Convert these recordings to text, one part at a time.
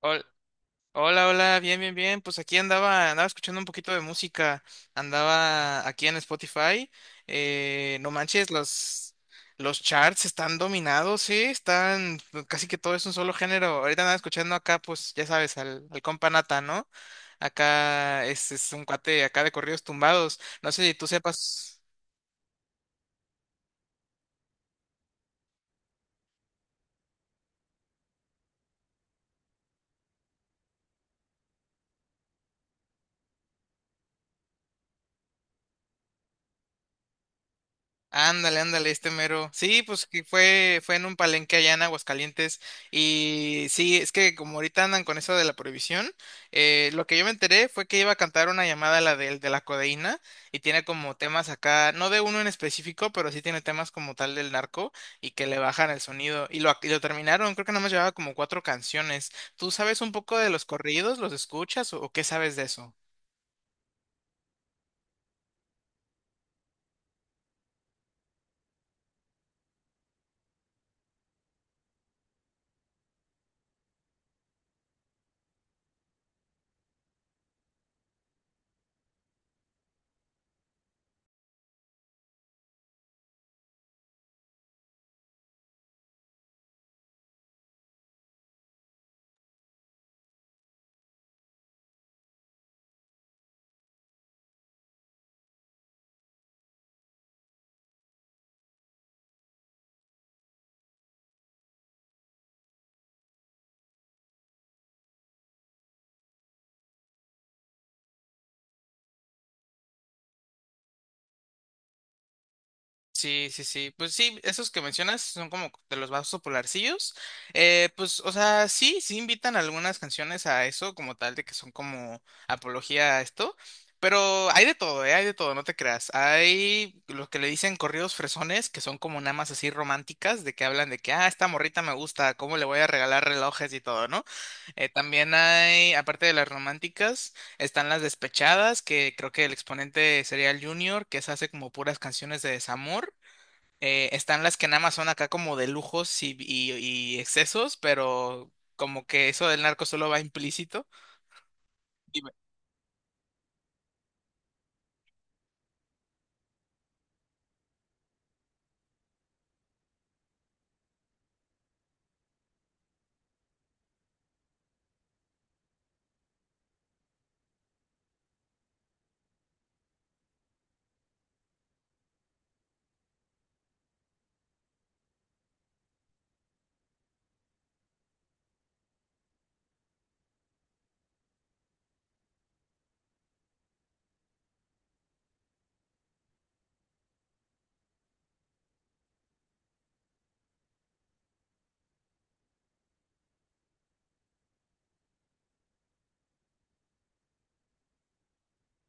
Hol- Hola, hola, bien, bien, bien. Pues aquí andaba escuchando un poquito de música. Andaba aquí en Spotify. No manches, los charts están dominados, sí, están, pues, casi que todo es un solo género. Ahorita andaba escuchando acá, pues, ya sabes, al compa Nata, ¿no? Acá es un cuate acá de corridos tumbados. No sé si tú sepas. Ándale, ándale, este mero. Sí, pues que fue en un palenque allá en Aguascalientes. Y sí, es que como ahorita andan con eso de la prohibición, lo que yo me enteré fue que iba a cantar una llamada la del de la codeína, y tiene como temas acá, no de uno en específico, pero sí tiene temas como tal del narco y que le bajan el sonido. Y lo terminaron, creo que nada más llevaba como cuatro canciones. ¿Tú sabes un poco de los corridos? ¿Los escuchas o qué sabes de eso? Sí, sí, sí. Pues sí, esos que mencionas son como de los más popularcillos. Pues, o sea, sí, sí invitan algunas canciones a eso, como tal, de que son como apología a esto. Pero hay de todo, ¿eh? Hay de todo, no te creas. Hay los que le dicen corridos fresones, que son como nada más así románticas, de que hablan de que, ah, esta morrita me gusta, cómo le voy a regalar relojes y todo, ¿no? También hay, aparte de las románticas. Están las despechadas, que creo que el exponente sería el Junior, que se hace como puras canciones de desamor. Están las que nada más son acá como de lujos y excesos, pero como que eso del narco solo va implícito.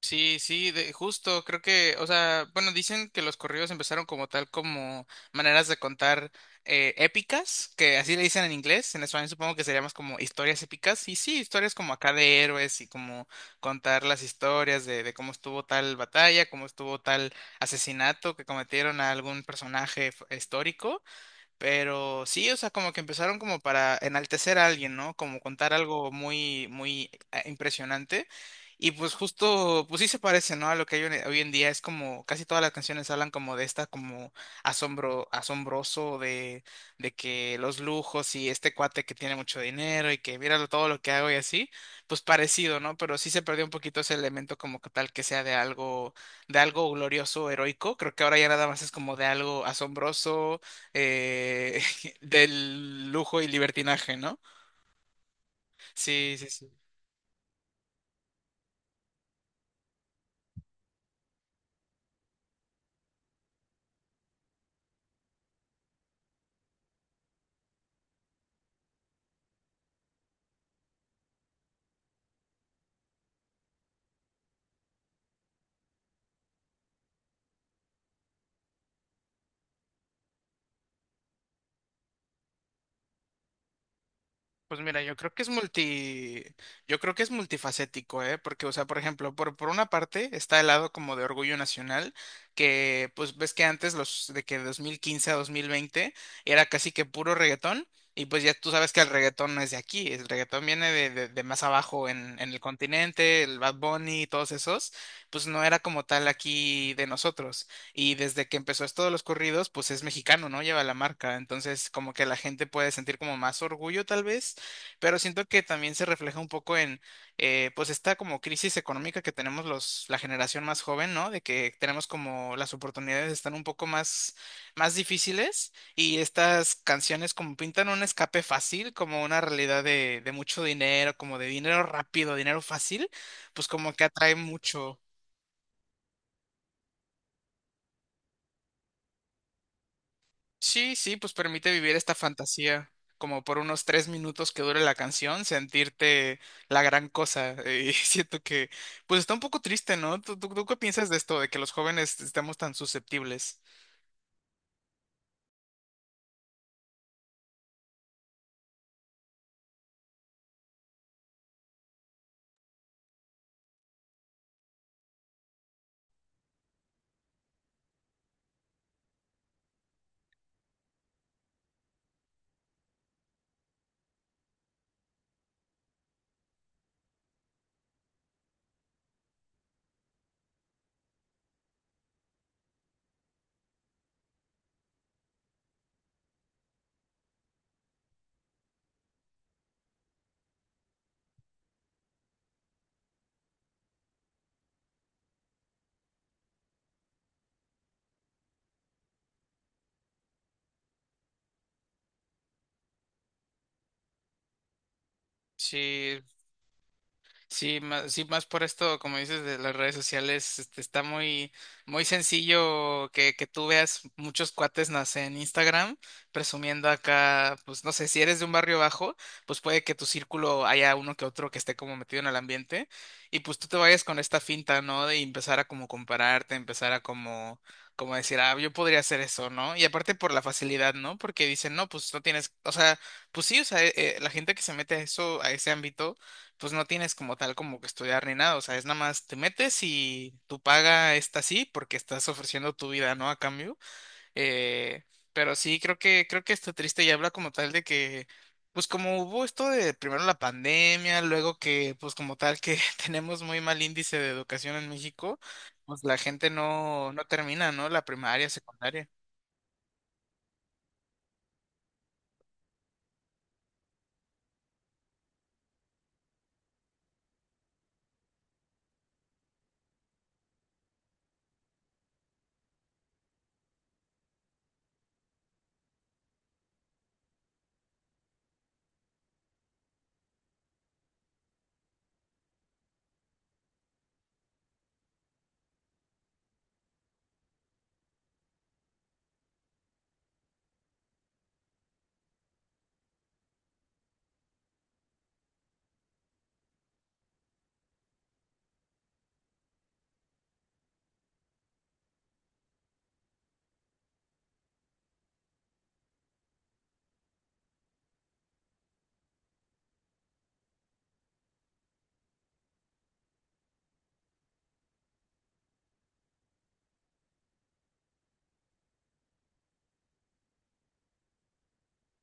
Sí, sí, de, justo, creo que, o sea, bueno, dicen que los corridos empezaron como tal, como maneras de contar épicas, que así le dicen en inglés, en español supongo que sería más como historias épicas, y sí, historias como acá de héroes y como contar las historias de cómo estuvo tal batalla, cómo estuvo tal asesinato que cometieron a algún personaje histórico, pero sí, o sea, como que empezaron como para enaltecer a alguien, ¿no? Como contar algo muy, muy impresionante. Y pues justo, pues sí se parece, ¿no? A lo que hay hoy en día. Es como, casi todas las canciones hablan como de esta, como asombro, asombroso, de que los lujos y este cuate que tiene mucho dinero y que mira lo- todo lo que hago y así, pues parecido, ¿no? Pero sí se perdió un poquito ese elemento como que tal que sea de algo glorioso, heroico. Creo que ahora ya nada más es como de algo asombroso eh, del lujo y libertinaje, ¿no? Sí, sí, sí. Pues mira, yo creo que es multifacético, ¿eh? Porque, o sea, por ejemplo, por una parte está el lado como de orgullo nacional, que pues ves que antes los de que 2015 a 2020 era casi que puro reggaetón, y pues ya tú sabes que el reggaetón no es de aquí, el reggaetón viene de más abajo en el continente, el Bad Bunny y todos esos, pues no era como tal aquí de nosotros. Y desde que empezó esto de los corridos, pues es mexicano, ¿no? Lleva la marca. Entonces, como que la gente puede sentir como más orgullo, tal vez, pero siento que también se refleja un poco en, pues, esta como crisis económica que tenemos la generación más joven, ¿no? De que tenemos como las oportunidades están un poco más, difíciles y estas canciones como pintan un escape fácil, como una realidad de mucho dinero, como de dinero rápido, dinero fácil, pues como que atrae mucho. Sí, sí, pues permite vivir esta fantasía, como por unos 3 minutos que dure la canción, sentirte la gran cosa. Y siento que, pues está un poco triste, ¿no? ¿Tú qué piensas de esto, de que los jóvenes estemos tan susceptibles? Sí, más por esto, como dices, de las redes sociales, este, está muy, muy sencillo que tú veas muchos cuates, no sé, en Instagram, presumiendo acá, pues no sé, si eres de un barrio bajo, pues puede que tu círculo haya uno que otro que esté como metido en el ambiente, y pues tú te vayas con esta finta, ¿no? De empezar a como compararte, empezar a como decir, ah, yo podría hacer eso, ¿no? Y aparte por la facilidad, ¿no? Porque dicen, no, pues no tienes, o sea, pues sí, o sea, la gente que se mete a eso, a ese ámbito, pues no tienes como tal como que estudiar ni nada, o sea, es nada más te metes y tu paga está así porque estás ofreciendo tu vida, ¿no? A cambio. Eh, pero sí, creo que está triste y habla como tal de que, pues como hubo esto de primero la pandemia, luego que, pues como tal que tenemos muy mal índice de educación en México, pues la gente no termina, ¿no? La primaria, secundaria.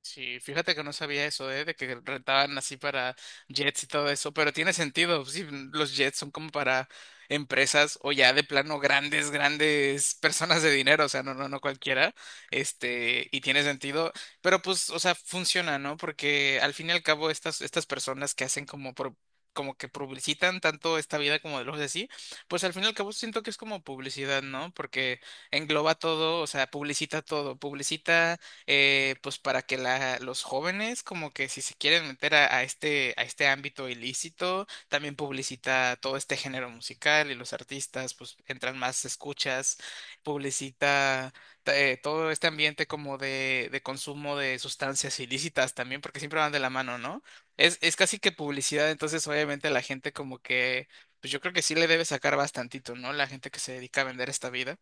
Sí, fíjate que no sabía eso, ¿eh? De que rentaban así para jets y todo eso, pero tiene sentido, sí, los jets son como para empresas o ya de plano grandes, grandes personas de dinero, o sea, no, no, no cualquiera, este, y tiene sentido, pero pues, o sea, funciona, ¿no? Porque al fin y al cabo estas personas que hacen como como que publicitan tanto esta vida como de los así, pues al fin y al cabo siento que es como publicidad, ¿no? Porque engloba todo, o sea, publicita todo, publicita pues para que los jóvenes como que si se quieren meter a este ámbito ilícito, también publicita todo este género musical y los artistas pues entran más escuchas, publicita todo este ambiente como de, consumo de sustancias ilícitas también, porque siempre van de la mano, ¿no? Es casi que publicidad, entonces obviamente la gente como que, pues yo creo que sí le debe sacar bastantito, ¿no? La gente que se dedica a vender esta vida.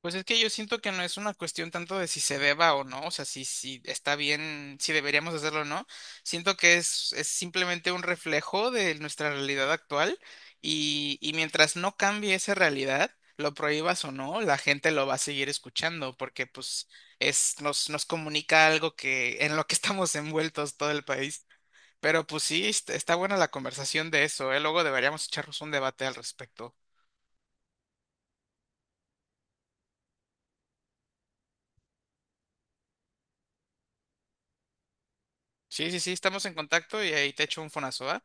Pues es que yo siento que no es una cuestión tanto de si se deba o no, o sea, si, si está bien, si deberíamos hacerlo o no. Siento que es simplemente un reflejo de nuestra realidad actual y mientras no cambie esa realidad, lo prohíbas o no, la gente lo va a seguir escuchando porque pues es, nos, nos comunica algo que en lo que estamos envueltos todo el país. Pero pues sí, está buena la conversación de eso, ¿eh? Luego deberíamos echarnos un debate al respecto. Sí, sí, sí, estamos en contacto y ahí te echo un fonazo, ¿va?